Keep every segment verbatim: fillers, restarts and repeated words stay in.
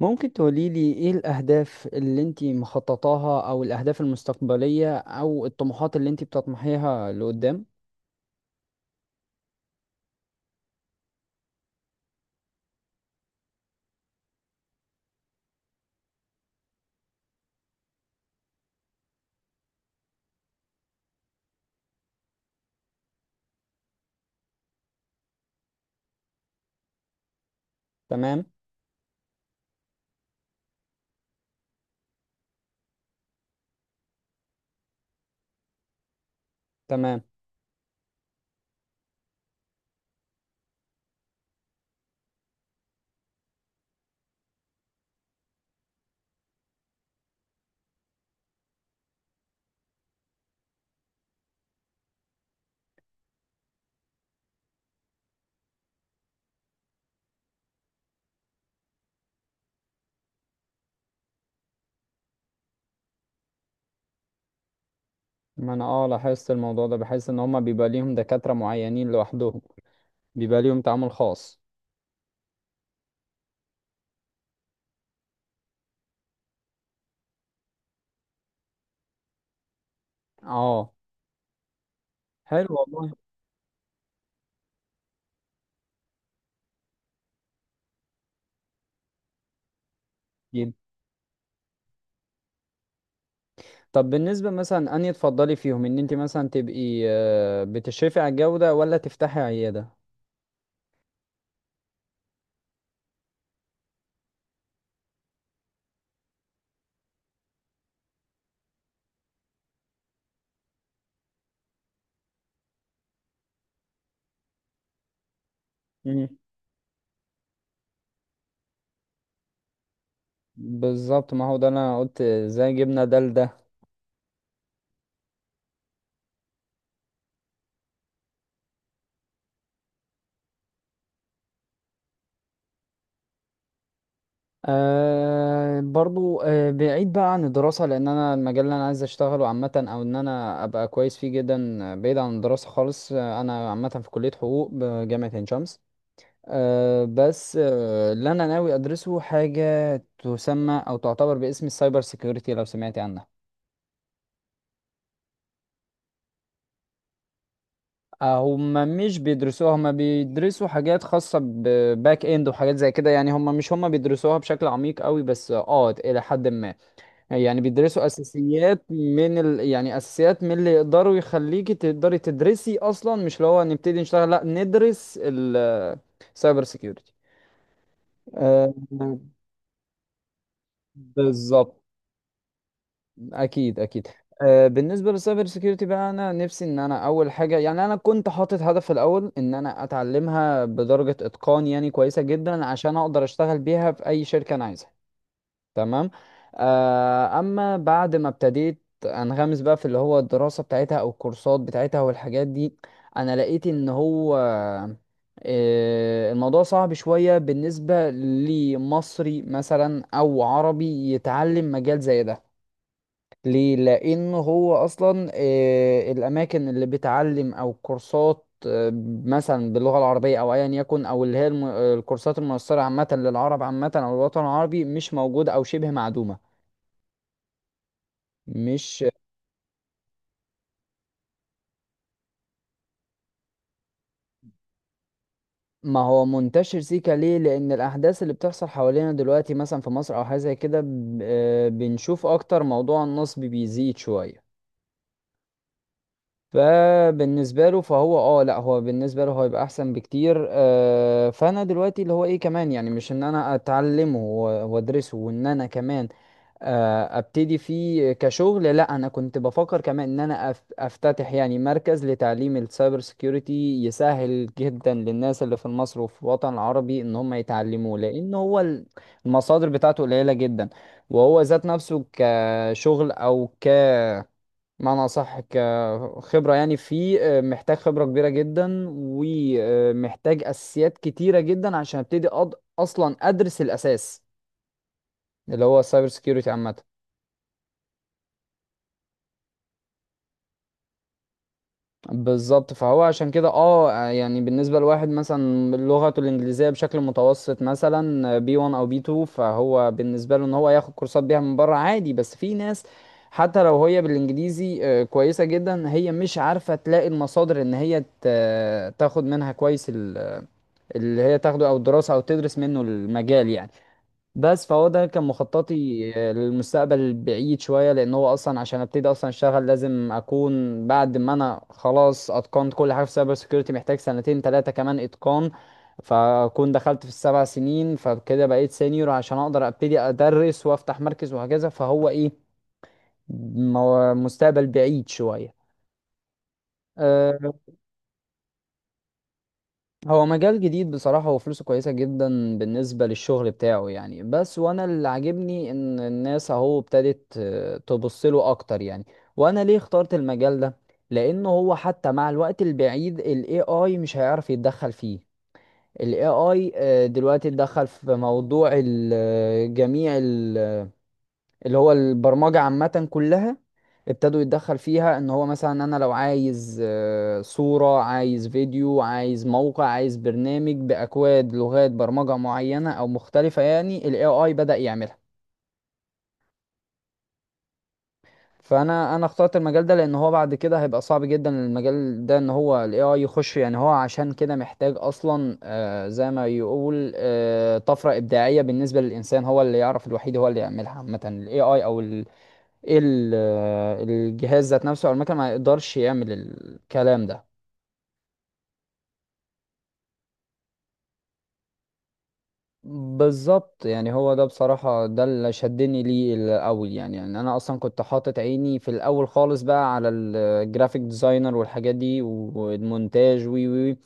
ممكن تقوليلي ايه الأهداف اللي انتي مخططاها أو الأهداف المستقبلية أو الطموحات اللي انتي بتطمحيها لقدام؟ تمام تمام ما أنا اه لاحظت الموضوع ده، بحس إن هما بيبقى ليهم دكاترة معينين لوحدهم، بيبقى ليهم تعامل خاص. اه، حلو والله. جدا. طب بالنسبة مثلا أنهي تفضلي فيهم، إن انتي مثلا تبقي آه، بتشرفي على الجودة ولا تفتحي عيادة؟ مم. بالظبط، ما هو ده اللي أنا قلت زي جبنا ده لده. أه، برضو، أه بعيد بقى عن الدراسة، لأن أنا المجال اللي أنا عايز أشتغله عامة، أو إن أنا أبقى كويس فيه جدا، آه، بعيد عن الدراسة خالص. آه، أنا عامة في كلية حقوق بجامعة عين شمس. أه بس أه اللي أنا ناوي أدرسه حاجة تسمى أو تعتبر باسم السايبر سيكيورتي، لو سمعت عنها. آه، هما مش بيدرسوها هما بيدرسوا حاجات خاصة بباك اند وحاجات زي كده، يعني هما مش هما بيدرسوها بشكل عميق قوي، بس اه إلى حد ما. يعني بيدرسوا اساسيات من ال... يعني اساسيات من اللي يقدروا يخليكي تقدري تدرسي اصلا، مش اللي هو نبتدي نشتغل، لا ندرس السايبر سيكيورتي. آه، بالظبط. اكيد اكيد آه، بالنسبه للسايبر سيكيورتي بقى، انا نفسي ان انا اول حاجه، يعني انا كنت حاطط هدف في الاول ان انا اتعلمها بدرجه اتقان يعني كويسه جدا، عشان اقدر اشتغل بيها في اي شركه انا عايزها. تمام. آه، اما بعد ما ابتديت انغمس بقى في اللي هو الدراسة بتاعتها او الكورسات بتاعتها والحاجات دي، انا لقيت ان هو آه، الموضوع صعب شوية بالنسبة لمصري مثلا او عربي يتعلم مجال زي ده. ليه؟ لان هو اصلا آه، الاماكن اللي بتعلم او كورسات، آه، مثلا باللغة العربية او ايا يكن، او اللي هي الم- الكورسات الميسرة عامة للعرب، عامة او الوطن العربي، مش موجودة او شبه معدومة. مش... ما هو منتشر سيكا. ليه؟ لان الاحداث اللي بتحصل حوالينا دلوقتي مثلا في مصر او حاجه زي كده، ب- آه، بنشوف اكتر موضوع النصب بيزيد شويه. فبالنسبه له، فهو اه، لا، هو بالنسبه له هو يبقى احسن بكتير. آه، فانا دلوقتي اللي هو ايه كمان، يعني مش ان انا اتعلمه و- وادرسه، وان انا كمان آه، ابتدي فيه كشغل، لا، انا كنت بفكر كمان ان انا أف- افتتح يعني مركز لتعليم السايبر سيكيورتي، يسهل جدا للناس اللي في مصر وفي الوطن العربي ان هم يتعلموه، لان هو ال- المصادر بتاعته قليلة جدا. وهو ذات نفسه كشغل او ك معنى صح، كخبرة، يعني فيه آه، محتاج خبرة كبيرة جدا ومحتاج اساسيات كتيرة جدا عشان ابتدي أض... اصلا ادرس الاساس اللي هو السايبر سيكيورتي عامة. بالظبط، فهو عشان كده اه، يعني بالنسبة لواحد مثلا لغته الإنجليزية بشكل متوسط، مثلا بي واحد أو بي اتنين، فهو بالنسبة له إن هو ياخد كورسات بيها من بره عادي، بس في ناس حتى لو هي بالإنجليزي آه، كويسة جدا، هي مش عارفة تلاقي المصادر إن هي ت- تاخد منها كويس ال- اللي هي تاخده، أو الدراسة أو تدرس منه المجال يعني. بس فهو ده كان مخططي آه، للمستقبل البعيد شوية، لأن هو أصلا عشان أبتدي أصلا أشتغل، لازم أكون بعد ما أنا خلاص أتقنت كل حاجة في سايبر سيكيورتي، محتاج سنتين تلاتة كمان إتقان، فأكون دخلت في السبع سنين، فكده بقيت سينيور عشان أقدر أبتدي أدرس وأفتح مركز وهكذا. فهو إيه، مو- مستقبل بعيد شوية. آه، هو مجال جديد بصراحة، وفلوسه كويسة جدا بالنسبة للشغل بتاعه يعني. بس وانا اللي عاجبني ان الناس اهو ابتدت آه، تبص له اكتر يعني. وانا ليه اخترت المجال ده؟ لانه هو حتى مع الوقت البعيد، ال إيه آي مش هيعرف يتدخل فيه. ال A I آه، دلوقتي اتدخل في موضوع ال- آه، جميع ال اللي هو البرمجة عامة كلها ابتدوا يتدخل فيها، ان هو مثلا انا لو عايز آه، صورة، عايز فيديو، عايز موقع، عايز برنامج باكواد، لغات برمجة معينة او مختلفة، يعني ال A I بدأ يعملها. فانا انا اخترت المجال ده لان هو بعد كده هيبقى صعب جدا المجال ده ان هو ال إيه آي يخش، يعني هو عشان كده محتاج اصلا آه، زي ما يقول آه، طفرة ابداعية بالنسبة للانسان، هو اللي يعرف الوحيد هو اللي يعملها عامة ال A I، او ال ال- الجهاز ذات نفسه، او المكنه ما يقدرش يعمل الكلام ده. بالظبط، يعني هو ده بصراحه ده اللي شدني ليه الاول يعني. يعني انا اصلا كنت حاطط عيني في الاول خالص بقى على الجرافيك ديزاينر والحاجات دي والمونتاج وي وي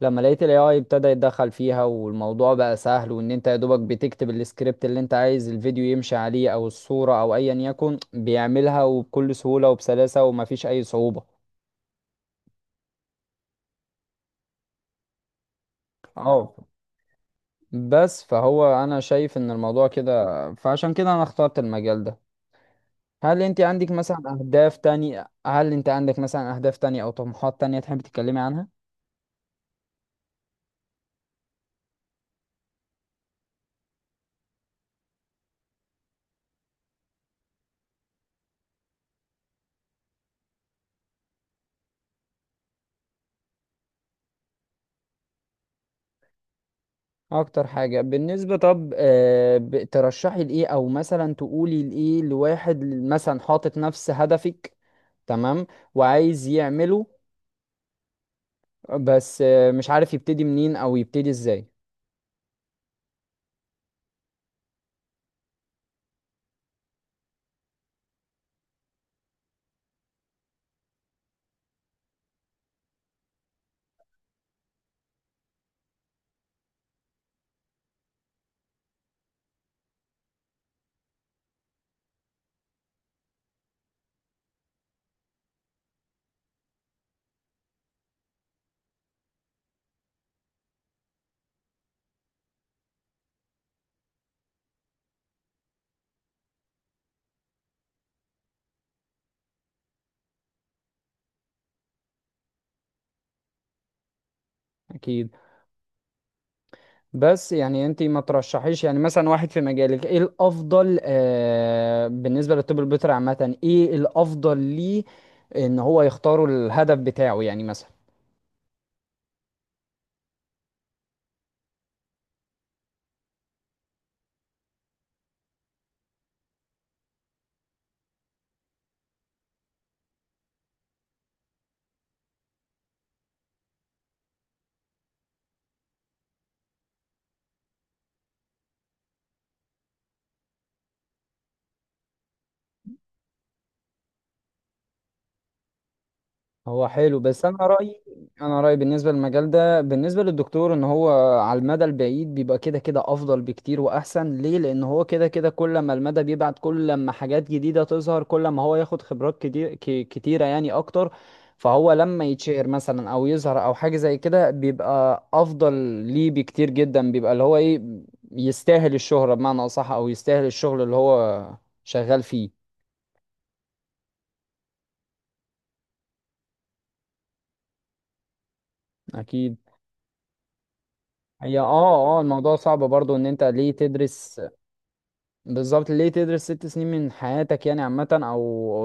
لما لقيت الاي اي ابتدى يتدخل فيها، والموضوع بقى سهل، وان انت يا دوبك بتكتب السكريبت اللي انت عايز الفيديو يمشي عليه او الصوره او ايا يكن، بيعملها وبكل سهوله وبسلاسه ومفيش اي صعوبه. اه. بس فهو انا شايف ان الموضوع كده، فعشان كده انا اخترت المجال ده. هل انت عندك مثلا اهداف تانية؟ هل انت عندك مثلا اهداف تانية او طموحات تانية تحب تتكلمي عنها؟ اكتر حاجة بالنسبة، طب آه، ب- ترشحي لايه، او مثلا تقولي لايه لواحد مثلا حاطط نفس هدفك. تمام. وعايز يعمله، بس آه، مش عارف يبتدي منين او يبتدي ازاي. اكيد. بس يعني انت ما ترشحيش يعني مثلا واحد في مجالك؟ ايه الافضل، آه، بالنسبه للطب البيطري عامه، ايه الافضل ليه ان هو يختاروا الهدف بتاعه يعني مثلا؟ هو حلو، بس انا رايي. انا رايي بالنسبه للمجال ده، بالنسبه للدكتور، ان هو على المدى البعيد بيبقى كده كده افضل بكتير واحسن. ليه؟ لان هو كده كده كل ما المدى بيبعد، كل ما حاجات جديده تظهر، كل ما هو ياخد خبرات كتير ك- كتيره يعني اكتر. فهو لما يتشهر مثلا او يظهر او حاجه زي كده، بيبقى افضل ليه بكتير جدا. بيبقى اللي هو ايه، يستاهل الشهره بمعنى اصح، او يستاهل الشغل اللي هو شغال فيه. اكيد. هي اه اه الموضوع صعب برضو ان انت ليه تدرس؟ بالظبط، ليه تدرس ست سنين من حياتك يعني عامة، أو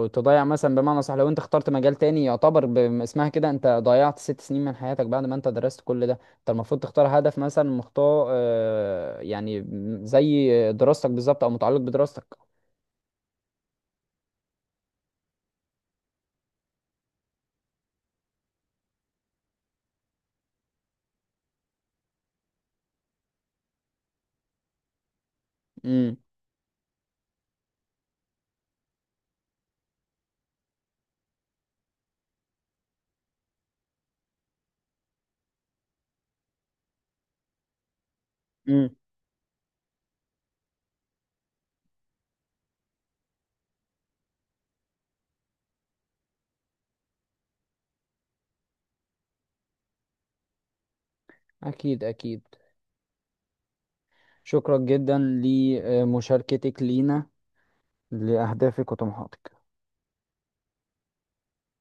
أو تضيع مثلا بمعنى صح. لو أنت اخترت مجال تاني يعتبر باسمها كده، أنت ضيعت ست سنين من حياتك بعد ما أنت درست كل ده. أنت المفروض تختار هدف مثلا مختار آه، يعني زي دراستك بالظبط أو متعلق بدراستك. امم. مم. أكيد أكيد شكرا جدا لمشاركتك لينا، لأهدافك وطموحاتك.